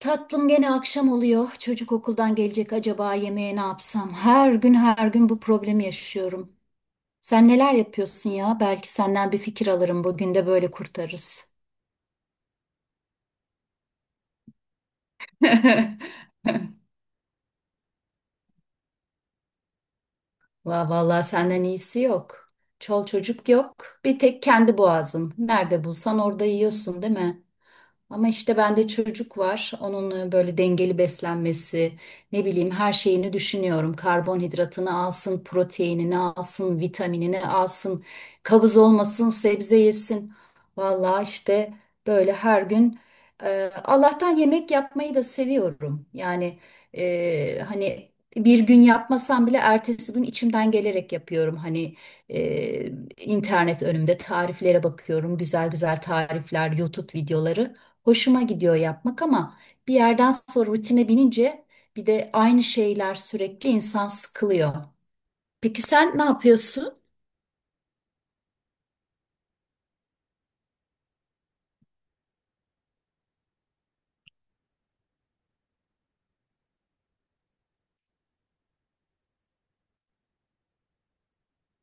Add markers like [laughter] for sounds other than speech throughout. Tatlım gene akşam oluyor. Çocuk okuldan gelecek, acaba yemeğe ne yapsam? Her gün her gün bu problemi yaşıyorum. Sen neler yapıyorsun ya? Belki senden bir fikir alırım. Bugün de böyle kurtarırız. [laughs] Vallahi senden iyisi yok. Çocuk yok. Bir tek kendi boğazın. Nerede bulsan orada yiyorsun, değil mi? Ama işte bende çocuk var. Onun böyle dengeli beslenmesi, ne bileyim her şeyini düşünüyorum. Karbonhidratını alsın, proteinini alsın, vitaminini alsın, kabız olmasın, sebze yesin. Vallahi işte böyle her gün Allah'tan yemek yapmayı da seviyorum. Yani hani bir gün yapmasam bile ertesi gün içimden gelerek yapıyorum. Hani e, internet önümde tariflere bakıyorum, güzel güzel tarifler, YouTube videoları. Hoşuma gidiyor yapmak ama bir yerden sonra rutine binince bir de aynı şeyler, sürekli insan sıkılıyor. Peki sen ne yapıyorsun?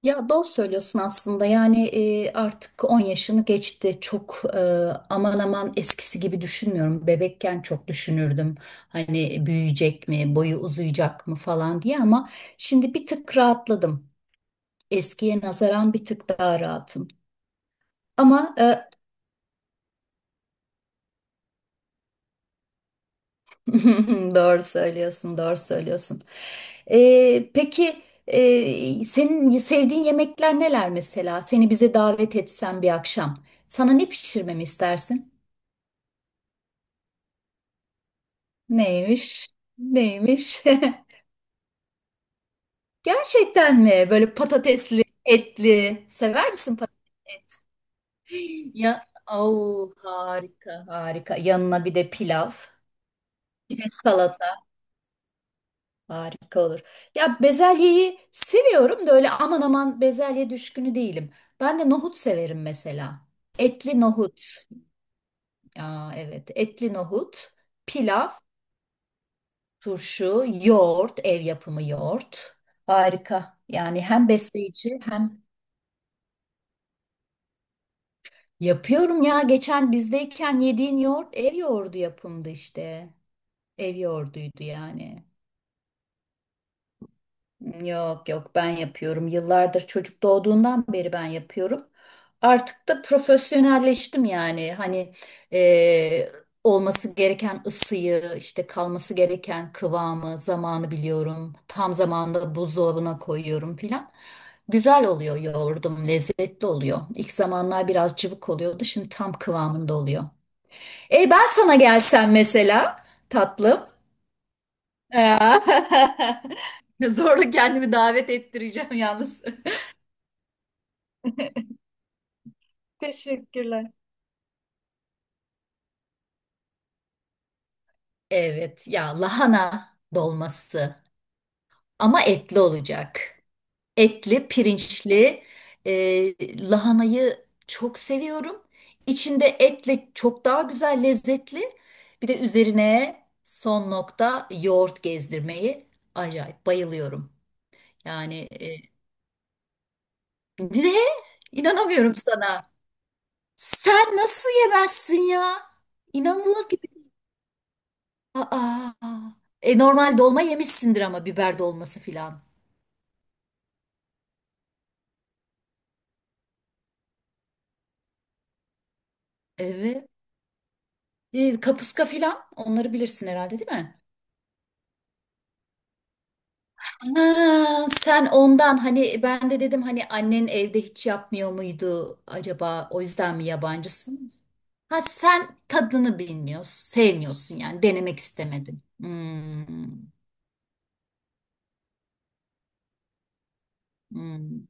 Ya doğru söylüyorsun aslında. Yani artık 10 yaşını geçti, çok aman aman eskisi gibi düşünmüyorum. Bebekken çok düşünürdüm, hani büyüyecek mi, boyu uzayacak mı falan diye, ama şimdi bir tık rahatladım. Eskiye nazaran bir tık daha rahatım. Ama e, [laughs] Doğru söylüyorsun, doğru söylüyorsun. Peki, senin sevdiğin yemekler neler mesela? Seni bize davet etsem bir akşam. Sana ne pişirmemi istersin? Neymiş? Neymiş? [laughs] Gerçekten mi? Böyle patatesli, etli. Sever misin patates? [gasps] Ya, au, harika, harika. Yanına bir de pilav, bir de salata. Harika olur. Ya bezelyeyi seviyorum da öyle aman aman bezelye düşkünü değilim. Ben de nohut severim mesela. Etli nohut. Aa, evet, etli nohut, pilav, turşu, yoğurt, ev yapımı yoğurt. Harika. Yani hem besleyici hem yapıyorum ya. Geçen bizdeyken yediğin yoğurt ev yoğurdu yapımdı işte. Ev yoğurduydu yani. Yok yok, ben yapıyorum. Yıllardır çocuk doğduğundan beri ben yapıyorum. Artık da profesyonelleştim yani. Hani e, olması gereken ısıyı, işte kalması gereken kıvamı, zamanı biliyorum. Tam zamanında buzdolabına koyuyorum filan. Güzel oluyor yoğurdum, lezzetli oluyor. İlk zamanlar biraz cıvık oluyordu, şimdi tam kıvamında oluyor. E ben sana gelsem mesela tatlım. Ya. [laughs] Zorla kendimi davet ettireceğim yalnız. Teşekkürler. Evet ya, lahana dolması, ama etli olacak. Etli, pirinçli. Lahanayı çok seviyorum. İçinde etle çok daha güzel, lezzetli. Bir de üzerine son nokta yoğurt gezdirmeyi acayip bayılıyorum. Yani e, ne? İnanamıyorum sana. Sen nasıl yemezsin ya? İnanılır gibi. Aa. E, normal dolma yemişsindir ama, biber dolması filan. Evet. E, kapuska filan, onları bilirsin herhalde, değil mi? Ha, sen ondan. Hani ben de dedim, hani annen evde hiç yapmıyor muydu acaba, o yüzden mi yabancısınız? Ha, sen tadını bilmiyorsun, sevmiyorsun yani, denemek istemedin. Hmm, hmm.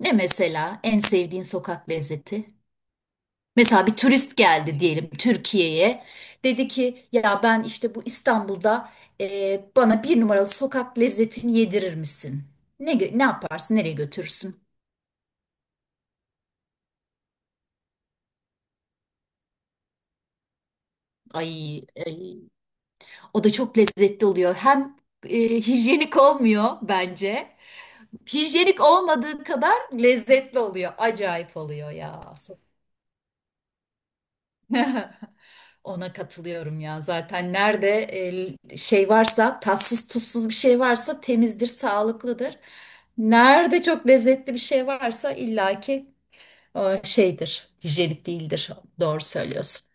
Ne mesela en sevdiğin sokak lezzeti? Mesela bir turist geldi diyelim Türkiye'ye. Dedi ki, ya ben işte bu İstanbul'da bana bir numaralı sokak lezzetini yedirir misin? Ne, ne yaparsın? Nereye götürürsün? Ay, ay. O da çok lezzetli oluyor. Hem hijyenik olmuyor bence. Hijyenik olmadığı kadar lezzetli oluyor. Acayip oluyor ya. [laughs] Ona katılıyorum ya. Zaten nerede şey varsa, tatsız tuzsuz bir şey varsa, temizdir, sağlıklıdır. Nerede çok lezzetli bir şey varsa illaki şeydir, hijyenik değildir. Doğru söylüyorsun.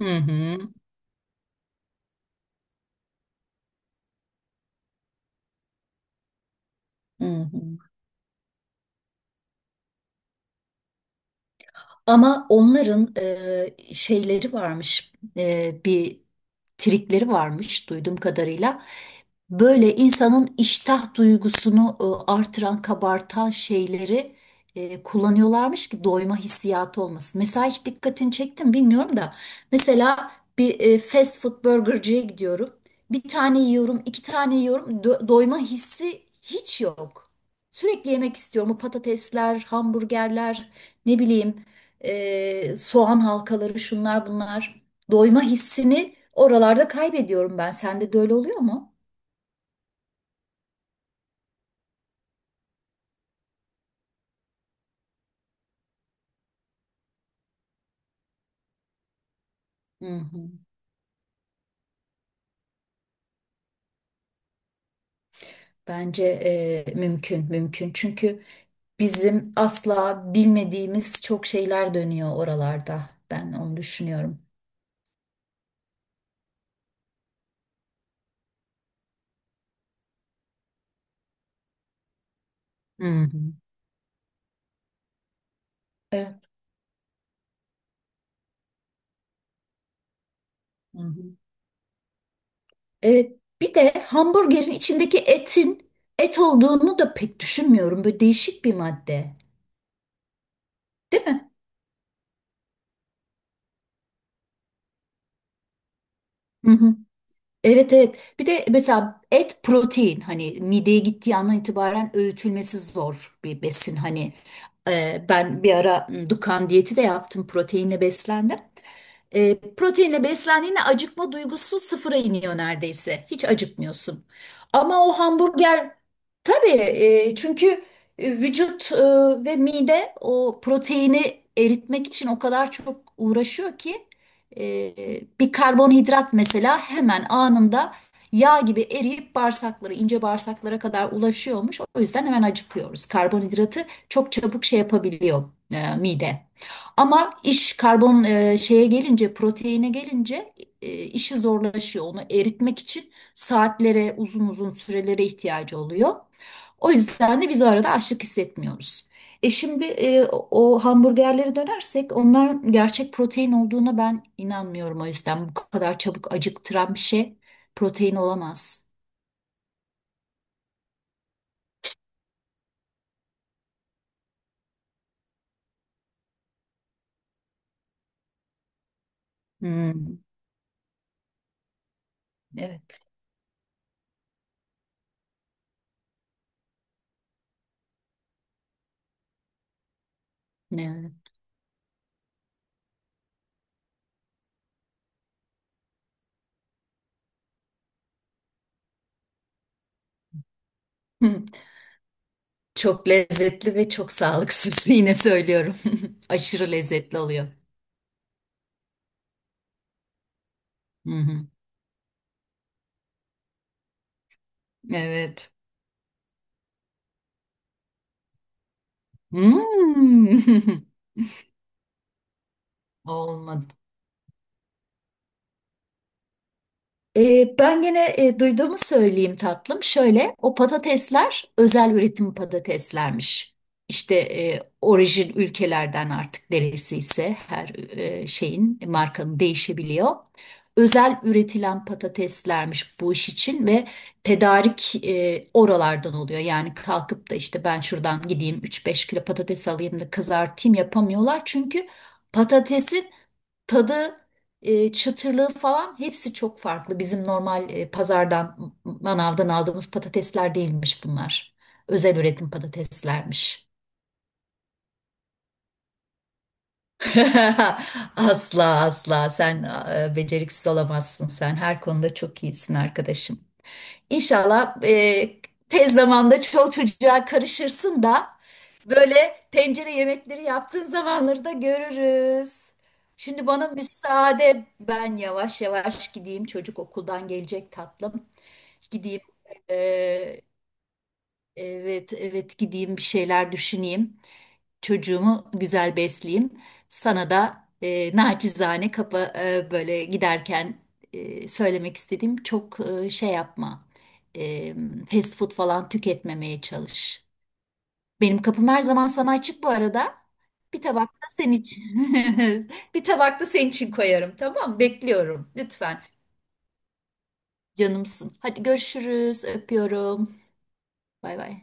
Hı hı. Hı hı. Ama onların şeyleri varmış, bir trikleri varmış duyduğum kadarıyla. Böyle insanın iştah duygusunu artıran, kabartan şeyleri kullanıyorlarmış ki doyma hissiyatı olmasın. Mesela hiç dikkatini çektim bilmiyorum da. Mesela bir fast food burgerciye gidiyorum. Bir tane yiyorum, iki tane yiyorum. Doyma hissi hiç yok. Sürekli yemek istiyorum. Bu patatesler, hamburgerler, ne bileyim soğan halkaları, şunlar bunlar. Doyma hissini oralarda kaybediyorum ben. Sende de öyle oluyor mu? Hı hı. Bence mümkün, mümkün. Çünkü bizim asla bilmediğimiz çok şeyler dönüyor oralarda. Ben onu düşünüyorum. Hı hı. Evet. Hı hı. Evet. Bir de hamburgerin içindeki etin et olduğunu da pek düşünmüyorum. Böyle değişik bir madde, değil mi? Hı hı. Evet evet. Bir de mesela et protein, hani mideye gittiği andan itibaren öğütülmesi zor bir besin. Hani ben bir ara Dukan diyeti de yaptım, proteinle beslendim. E, proteinle beslendiğinde acıkma duygusu sıfıra iniyor neredeyse. Hiç acıkmıyorsun. Ama o hamburger tabii çünkü vücut ve mide o proteini eritmek için o kadar çok uğraşıyor ki e, bir karbonhidrat mesela hemen anında yağ gibi eriyip bağırsaklara, ince bağırsaklara kadar ulaşıyormuş. O yüzden hemen acıkıyoruz. Karbonhidratı çok çabuk şey yapabiliyor mide. Ama iş şeye gelince, proteine gelince, işi zorlaşıyor. Onu eritmek için saatlere, uzun uzun sürelere ihtiyacı oluyor. O yüzden de biz o arada açlık hissetmiyoruz. E şimdi o hamburgerlere dönersek, onların gerçek protein olduğuna ben inanmıyorum o yüzden. Bu kadar çabuk acıktıran bir şey protein olamaz. Hmm, evet. Evet. Hmm, [laughs] çok lezzetli ve çok sağlıksız, [laughs] yine söylüyorum. [laughs] Aşırı lezzetli oluyor. Hı hı. Evet. Hmm. [laughs] Olmadı. Ben gene duyduğumu söyleyeyim tatlım. Şöyle, o patatesler özel üretim patateslermiş. İşte orijin ülkelerden, artık neresi ise her şeyin, markanın değişebiliyor. Özel üretilen patateslermiş bu iş için ve tedarik oralardan oluyor. Yani kalkıp da işte ben şuradan gideyim 3-5 kilo patates alayım da kızartayım, yapamıyorlar. Çünkü patatesin tadı, çıtırlığı falan hepsi çok farklı. Bizim normal pazardan, manavdan aldığımız patatesler değilmiş bunlar. Özel üretim patateslermiş. [laughs] Asla asla sen beceriksiz olamazsın sen. Her konuda çok iyisin arkadaşım. İnşallah tez zamanda çoluk çocuğa karışırsın da böyle tencere yemekleri yaptığın zamanları da görürüz. Şimdi bana müsaade, ben yavaş yavaş gideyim, çocuk okuldan gelecek tatlım. Gideyim e, Evet, evet, gideyim bir şeyler düşüneyim. Çocuğumu güzel besleyeyim. Sana da naçizane böyle giderken söylemek istediğim, çok şey yapma. E, fast food falan tüketmemeye çalış. Benim kapım her zaman sana açık bu arada. Bir tabak da senin için. [laughs] Bir tabak da senin için koyarım, tamam mı? Bekliyorum lütfen. Canımsın. Hadi görüşürüz. Öpüyorum. Bay bay.